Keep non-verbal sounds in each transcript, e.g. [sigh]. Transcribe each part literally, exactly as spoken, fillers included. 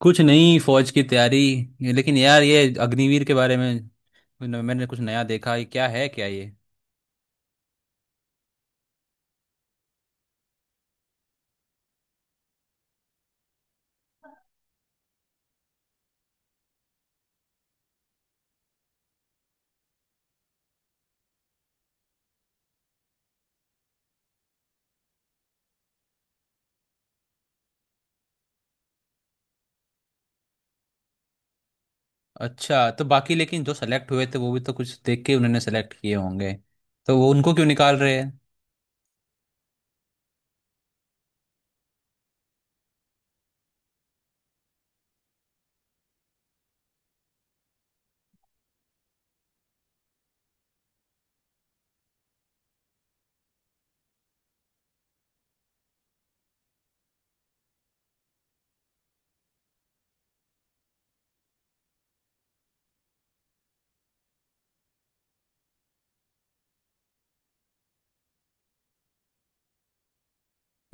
कुछ नहीं। फौज की तैयारी। ये- लेकिन यार ये अग्निवीर के बारे में मैंने मैंने कुछ नया देखा। ये क्या है, क्या ये? अच्छा, तो बाकी लेकिन जो सेलेक्ट हुए थे वो भी तो कुछ देख के उन्होंने सेलेक्ट किए होंगे, तो वो उनको क्यों निकाल रहे हैं?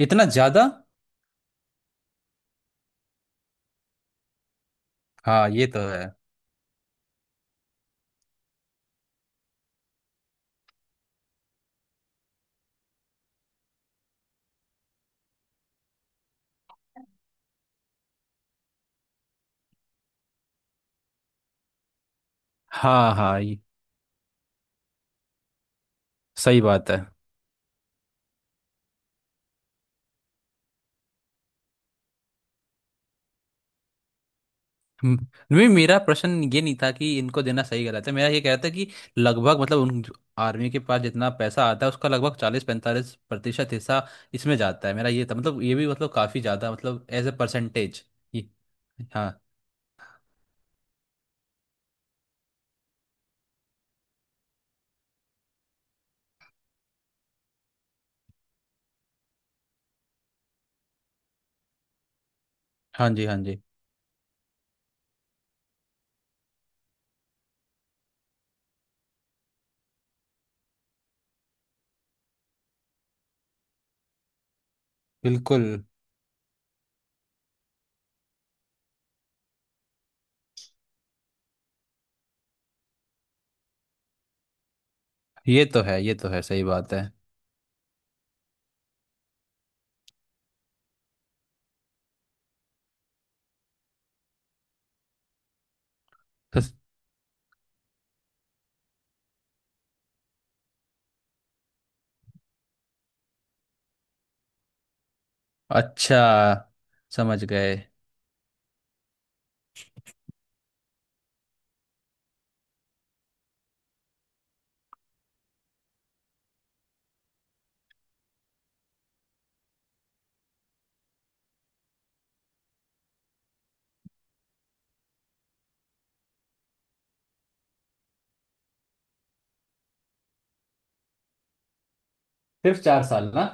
इतना ज्यादा? हाँ, ये तो है। हाँ हाँ, ये सही बात है। हम्म। नहीं, मेरा प्रश्न ये नहीं था कि इनको देना सही गलत है। मेरा ये कह रहा था कि लगभग, मतलब उन आर्मी के पास जितना पैसा आता है उसका लगभग चालीस पैंतालीस प्रतिशत हिस्सा इसमें जाता है। मेरा ये था, मतलब ये भी, मतलब काफी ज्यादा, मतलब एज ए परसेंटेज। हाँ। हाँ जी, हाँ जी। बिल्कुल, ये तो है, ये तो है, सही बात है। बस- अच्छा, समझ गए। सिर्फ चार साल? ना,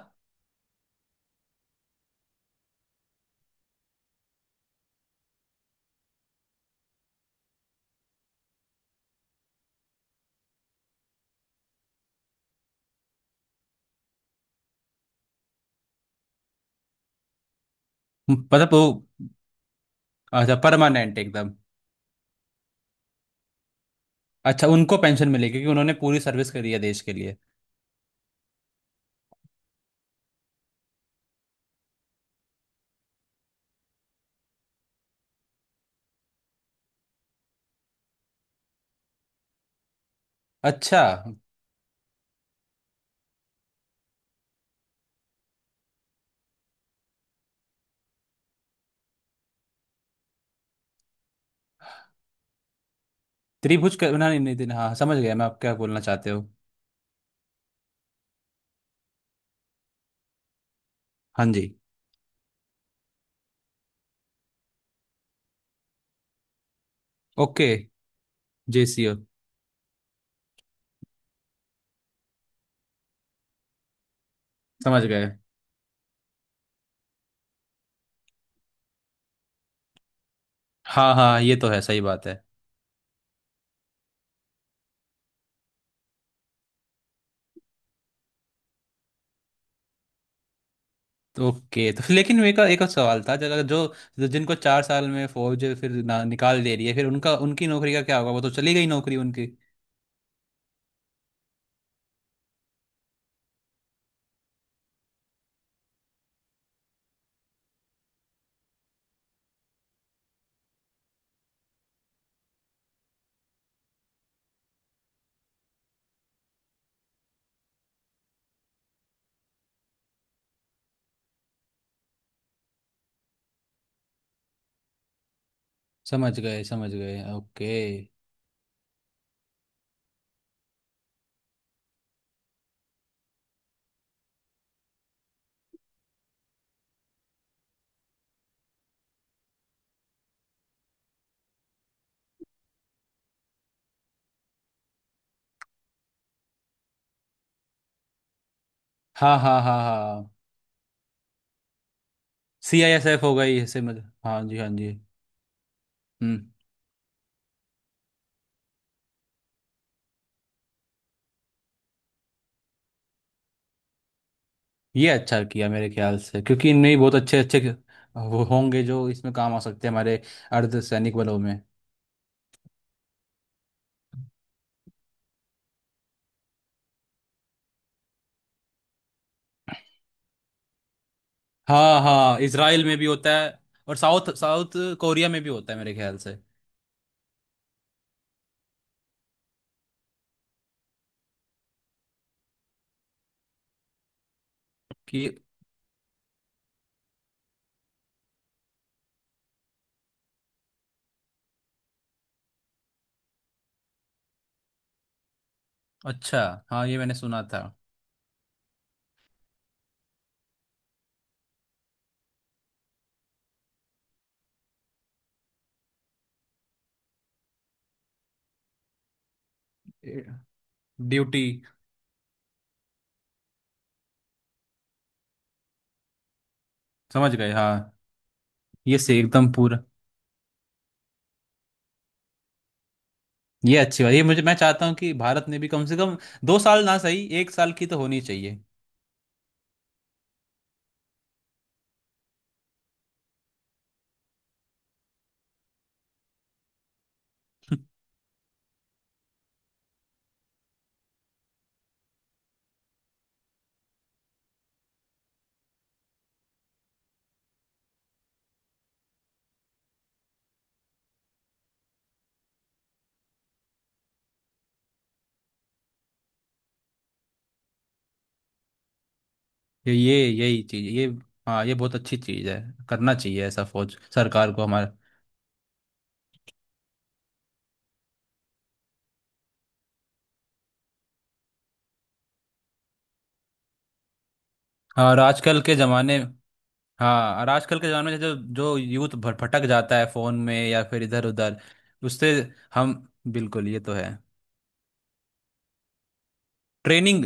मतलब वो? अच्छा, परमानेंट एकदम? अच्छा, उनको पेंशन मिलेगी क्योंकि उन्होंने पूरी सर्विस करी है देश के लिए? अच्छा, त्रिभुज? करना नहीं, नहीं देना, हाँ समझ गया मैं, आप क्या बोलना चाहते हो। हाँ जी। ओके। जेसीओ। समझ गए। हाँ हाँ, ये तो है, सही बात है। तो ओके, तो फिर लेकिन एक एक और सवाल था। जगह जो जो- जिनको चार साल में फौज फिर ना, निकाल दे रही है, फिर उनका, उनकी नौकरी का क्या होगा? वो तो चली गई नौकरी उनकी। समझ गए, समझ गए। ओके। हाँ हाँ, हाँ हाँ। सी आई एस एफ हो गई, समझ। हाँ जी, हाँ जी। हम्म। ये अच्छा किया मेरे ख्याल से, क्योंकि इनमें ही बहुत अच्छे अच्छे वो होंगे जो इसमें काम आ सकते हैं हमारे अर्ध सैनिक बलों में। हाँ हाँ, इसराइल में भी होता है। और साउथ साउथ कोरिया में भी होता है मेरे ख्याल से कि। अच्छा। हाँ, ये मैंने सुना था। ड्यूटी। समझ गए। हाँ, ये से एकदम पूरा। ये अच्छी बात, ये मुझे, मैं चाहता हूँ कि भारत ने भी कम से कम दो साल ना सही, एक साल की तो होनी चाहिए। [laughs] ये ये- यही चीज ये। हाँ, ये बहुत अच्छी चीज है, करना चाहिए ऐसा फौज सरकार को हमारे। हाँ, और आजकल के ज़माने। हाँ, और आजकल के ज़माने में जो जो यूथ भर- भटक जाता है फ़ोन में या फिर इधर उधर, उससे। हम। बिल्कुल, ये तो है। ट्रेनिंग?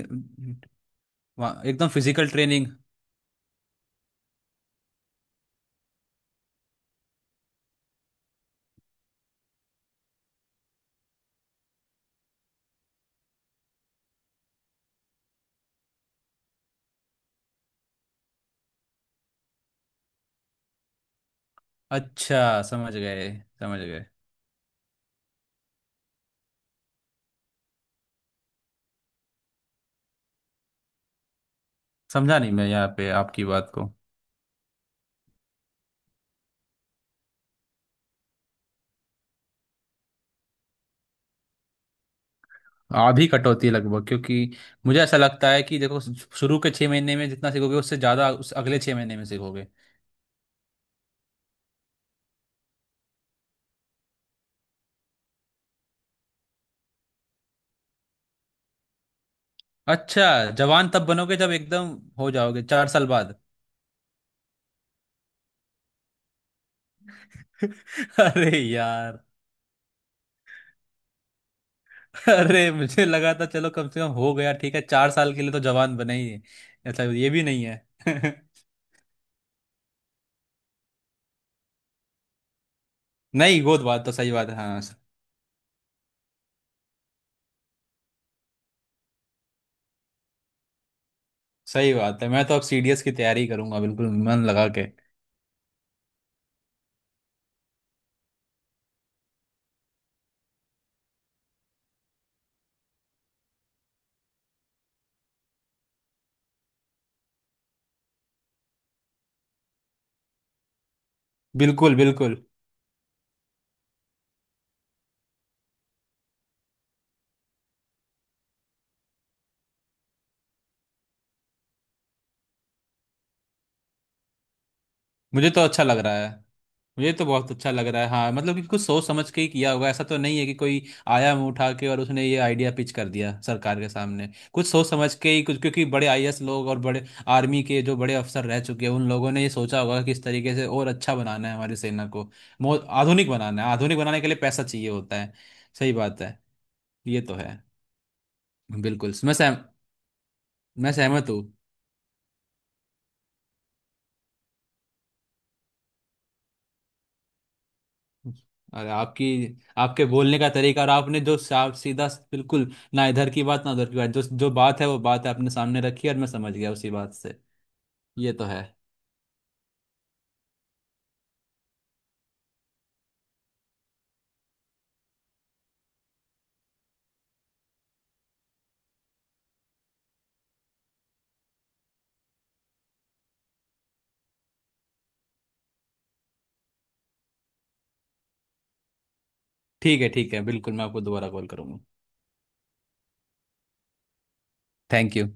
वहाँ- एकदम फिजिकल ट्रेनिंग। अच्छा, समझ गए, समझ गए। समझा नहीं मैं यहाँ पे आपकी बात को। आधी कटौती लगभग, क्योंकि मुझे ऐसा लगता है कि देखो, शुरू के छः महीने में जितना सीखोगे उससे ज़्यादा उस अगले छः महीने में सीखोगे। अच्छा। जवान तब बनोगे जब एकदम हो जाओगे, चार साल बाद। [laughs] अरे यार। [laughs] अरे, मुझे लगा था चलो कम से कम हो गया, ठीक है, चार साल के लिए तो जवान बने ही है। अच्छा, ये भी नहीं है। [laughs] नहीं, वो तो बात तो सही बात है। हाँ, स- सही बात है। मैं तो अब सीडीएस की तैयारी करूंगा, बिल्कुल मन लगा के। बिल्कुल, बिल्कुल। मुझे तो अच्छा लग रहा है। मुझे तो बहुत अच्छा लग रहा है, हाँ, मतलब कि कुछ सोच समझ के ही किया होगा, ऐसा तो नहीं है कि कोई आया मुंह उठा के और उसने ये आइडिया पिच कर दिया सरकार के सामने। कुछ सोच समझ के ही कुछ, क्योंकि बड़े आईएएस लोग और बड़े आर्मी के जो बड़े अफसर रह चुके हैं, उन लोगों ने ये सोचा होगा कि इस तरीके से और अच्छा बनाना है हमारी सेना को। मो- आधुनिक बनाना है, आधुनिक बनाने के लिए पैसा चाहिए होता है। सही बात है। ये तो है। बिल्कुल, मैं सहम मैं सहमत हूँ। अरे आपकी आपके बोलने का तरीका, और आपने जो साफ सीधा, बिल्कुल ना इधर की बात ना उधर की बात, जो जो बात है वो बात है आपने सामने रखी, और मैं समझ गया उसी बात से। ये तो है। ठीक है, ठीक है, बिल्कुल मैं आपको दोबारा कॉल करूंगा। Thank you.